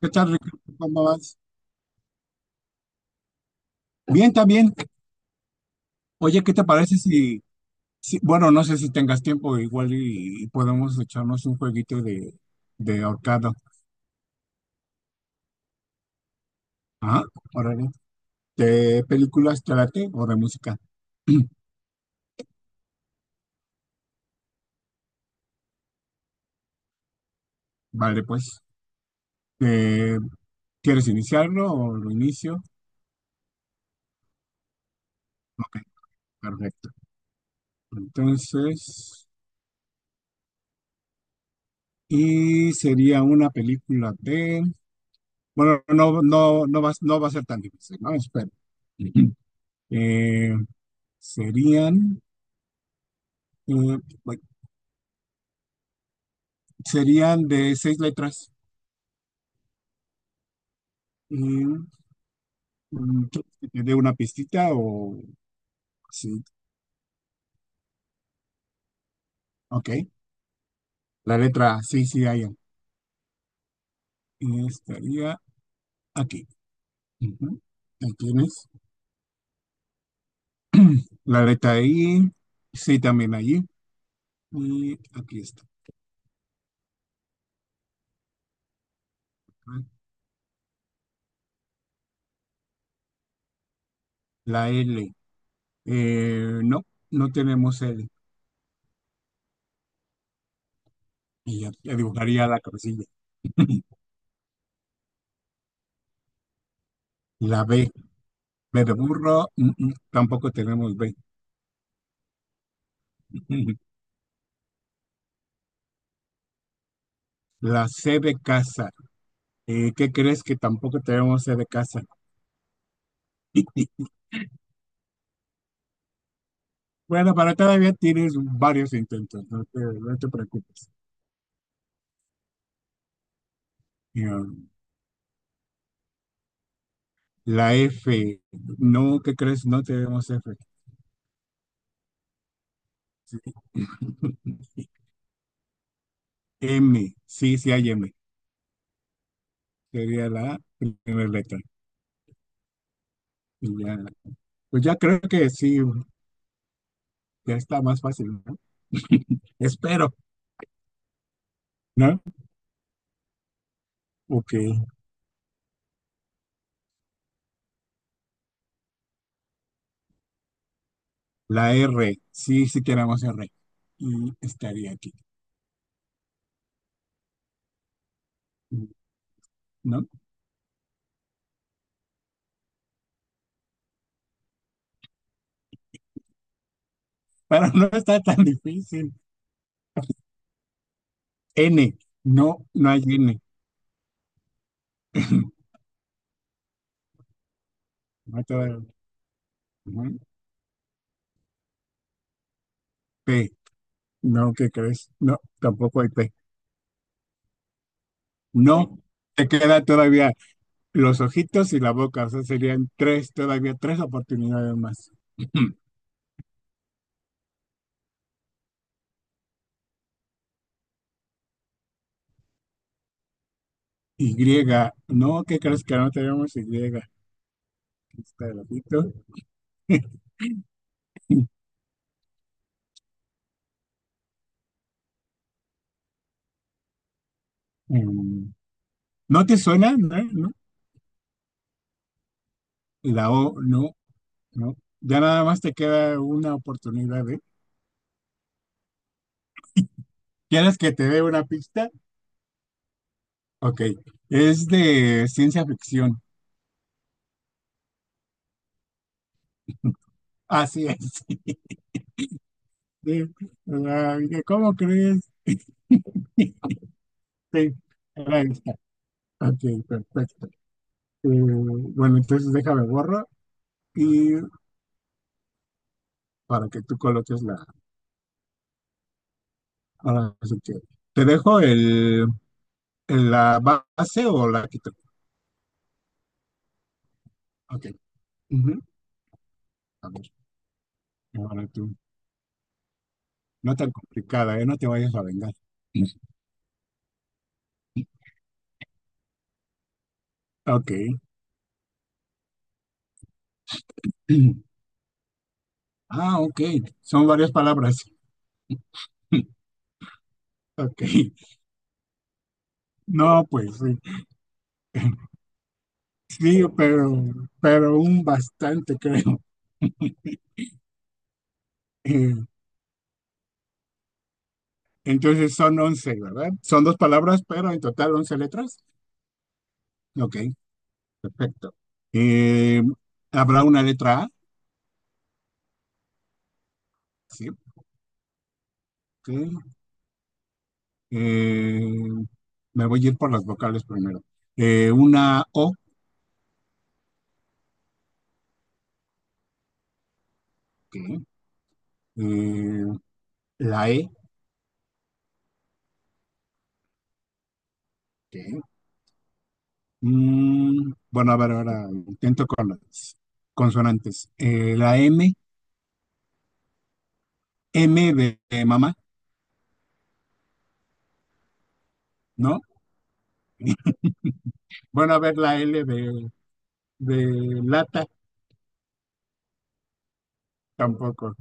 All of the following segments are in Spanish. ¿Qué tal, Ricardo? ¿Cómo vas? Bien, también. Oye, ¿qué te parece si, bueno, no sé si tengas tiempo igual y podemos echarnos un jueguito de ahorcado? Ajá, órale. ¿De películas te late o de música? Vale, pues. Eh, ¿Quieres iniciarlo o lo inicio? Ok, perfecto. Entonces, y sería una película de, bueno, no va, no va a ser tan difícil, ¿no? Espero. Eh, serían Eh, bueno, serían de seis letras. Eh, mm, ¿Quieres que te dé una pistita o sí? Ok. La letra sí, sí, hay. Estaría aquí. Ujú. Ahí tienes. La letra I, sí, también allí. Y aquí está. La L. No, no tenemos L. Y ya, ya dibujaría la cabecilla. La B, B de burro, tampoco tenemos B. La C de casa, ¿qué crees que tampoco tenemos de casa? Bueno, pero todavía tienes varios intentos, no te preocupes. Eh, La F, no, ¿qué crees? No tenemos F. M, sí, sí hay M. Sería la primera letra. Y ya, pues ya creo que sí, ya está más fácil, ¿no? Espero, ¿no? Ok. La R, sí, sí tenemos R. Y estaría aquí, ¿no? Pero no está tan difícil. N, no, no hay N. No hay todavía. Ujú. P, no, ¿qué crees? No, tampoco hay P. No, te queda todavía los ojitos y la boca, o sea, serían tres, todavía tres oportunidades más. Y, no, ¿qué crees que no tenemos Y? Aquí está el ojito. Em, ¿No te suena? ¿No? ¿No? La O, no, no. Ya nada más te queda una oportunidad, ¿eh? ¿Quieres que te dé una pista? Ok, es de ciencia ficción. Así es. Sí, la- dije, ¿cómo crees? Sí, era esta. Ok, perfecto. Bueno, entonces déjame borro y para que tú coloques la. Ahora sí que. ¿Te dejo el, la base o la quito? Ok. Ujú. A ver, ahora tú. No tan complicada, ¿eh? No te vayas a vengar. Ok. Ah, ok. Son varias palabras. Ok. No, pues sí. Sí, pero un bastante, creo. Entonces son 11, ¿verdad? Son dos palabras, pero en total 11 letras. Ok, perfecto. Eh, ¿Habrá una letra A? Sí, ok. Eh, me voy a ir por las vocales primero. Una O, ok. Eh, la E, ok. Bueno, a ver, ahora intento con las consonantes. La M. M de mamá, ¿no? Bueno, a ver, la L de lata. Tampoco.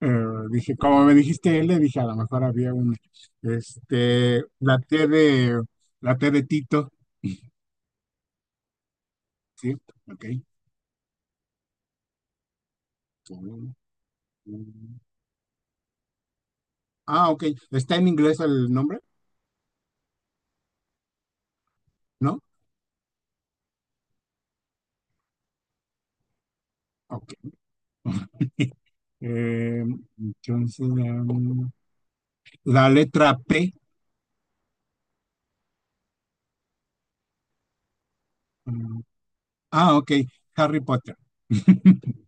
Eh, dije, como me dijiste L, dije, a lo mejor había un, este, la T de Tito, ¿sí? Ok. Ah, ok. ¿Está en inglés el nombre? ¿No? Ok. Eh, entonces, la letra P. um, ok. Harry Potter.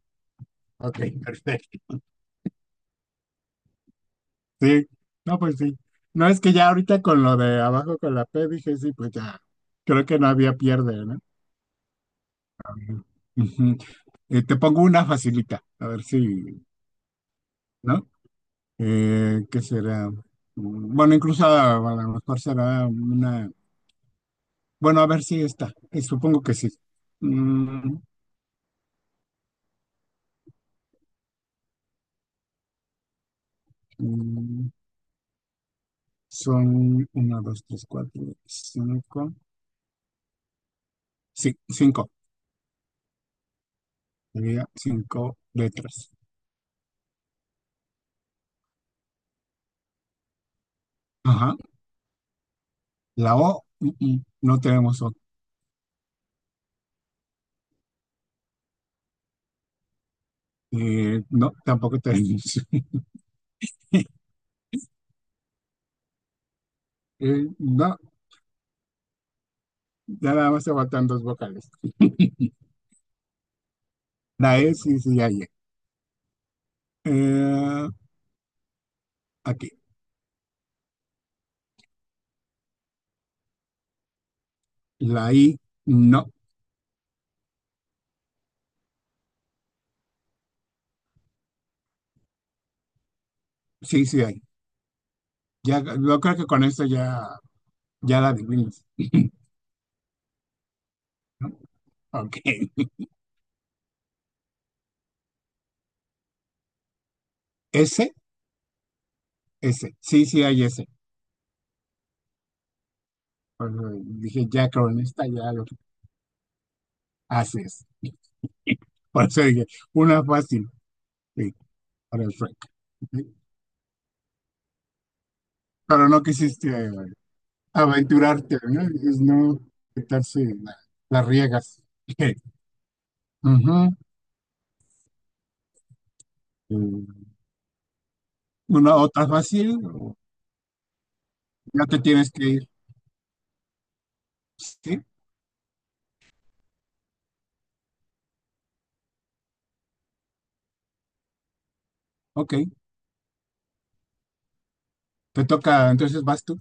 Ok, perfecto. Sí. No, pues sí. No, es que ya ahorita con lo de abajo con la P dije, sí, pues ya. Creo que no había pierde, ¿no? Ujú. Te pongo una facilita, a ver si, ¿no? ¿Qué será? Bueno, incluso a lo mejor será una... Bueno, a ver si está. Supongo que sí. Mm, mm, son una, dos, tres, cuatro, cinco. Sí, cinco. Sería cinco letras. Ajá. La O, no tenemos O. No, tampoco tenemos. No, ya nada más se faltan dos vocales. La E sí, sí, hay. E. Eh, aquí. La I, no. Sí, sí hay. Ya, yo creo que con esto ya, ya la adivinas. Ok. S, S. Sí, sí hay S. Por eso dije, ya con esta ya lo haces. Por eso dije, una fácil. Sí, para el Frank. Ok. Pero no quisiste aventurarte, ¿no? Dices, no, ¿qué tal si la, la riegas? Ujú. Eh, Una otra fácil, o ya te tienes que ir. Sí, ok. Te toca, entonces vas tú.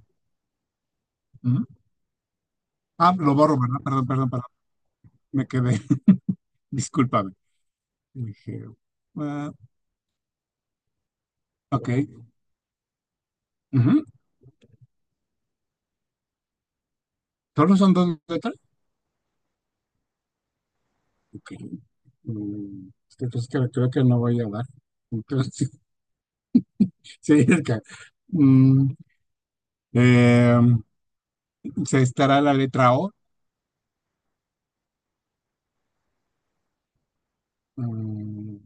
Ah, lo borro, ¿verdad? Perdón, perdón, perdón. Me quedé. Discúlpame. Dije, ah, ok. Ujú. ¿Solo son dos letras? Ok. Mm, entonces creo que no voy a dar. Entonces, sí, sí, es que, mm, eh, se estará la letra O, mm,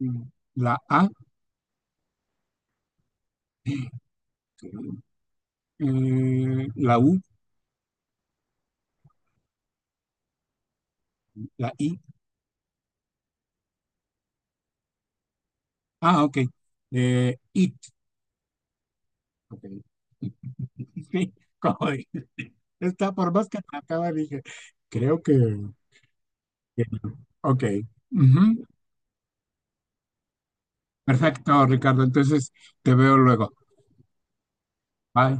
mm, la A, ok. La U, la I. Ah, ok. IT, ok. Sí, como dije, está por más que me acaba, dije, creo que. Ok. Ujú. Perfecto, Ricardo. Entonces te veo luego. Bye.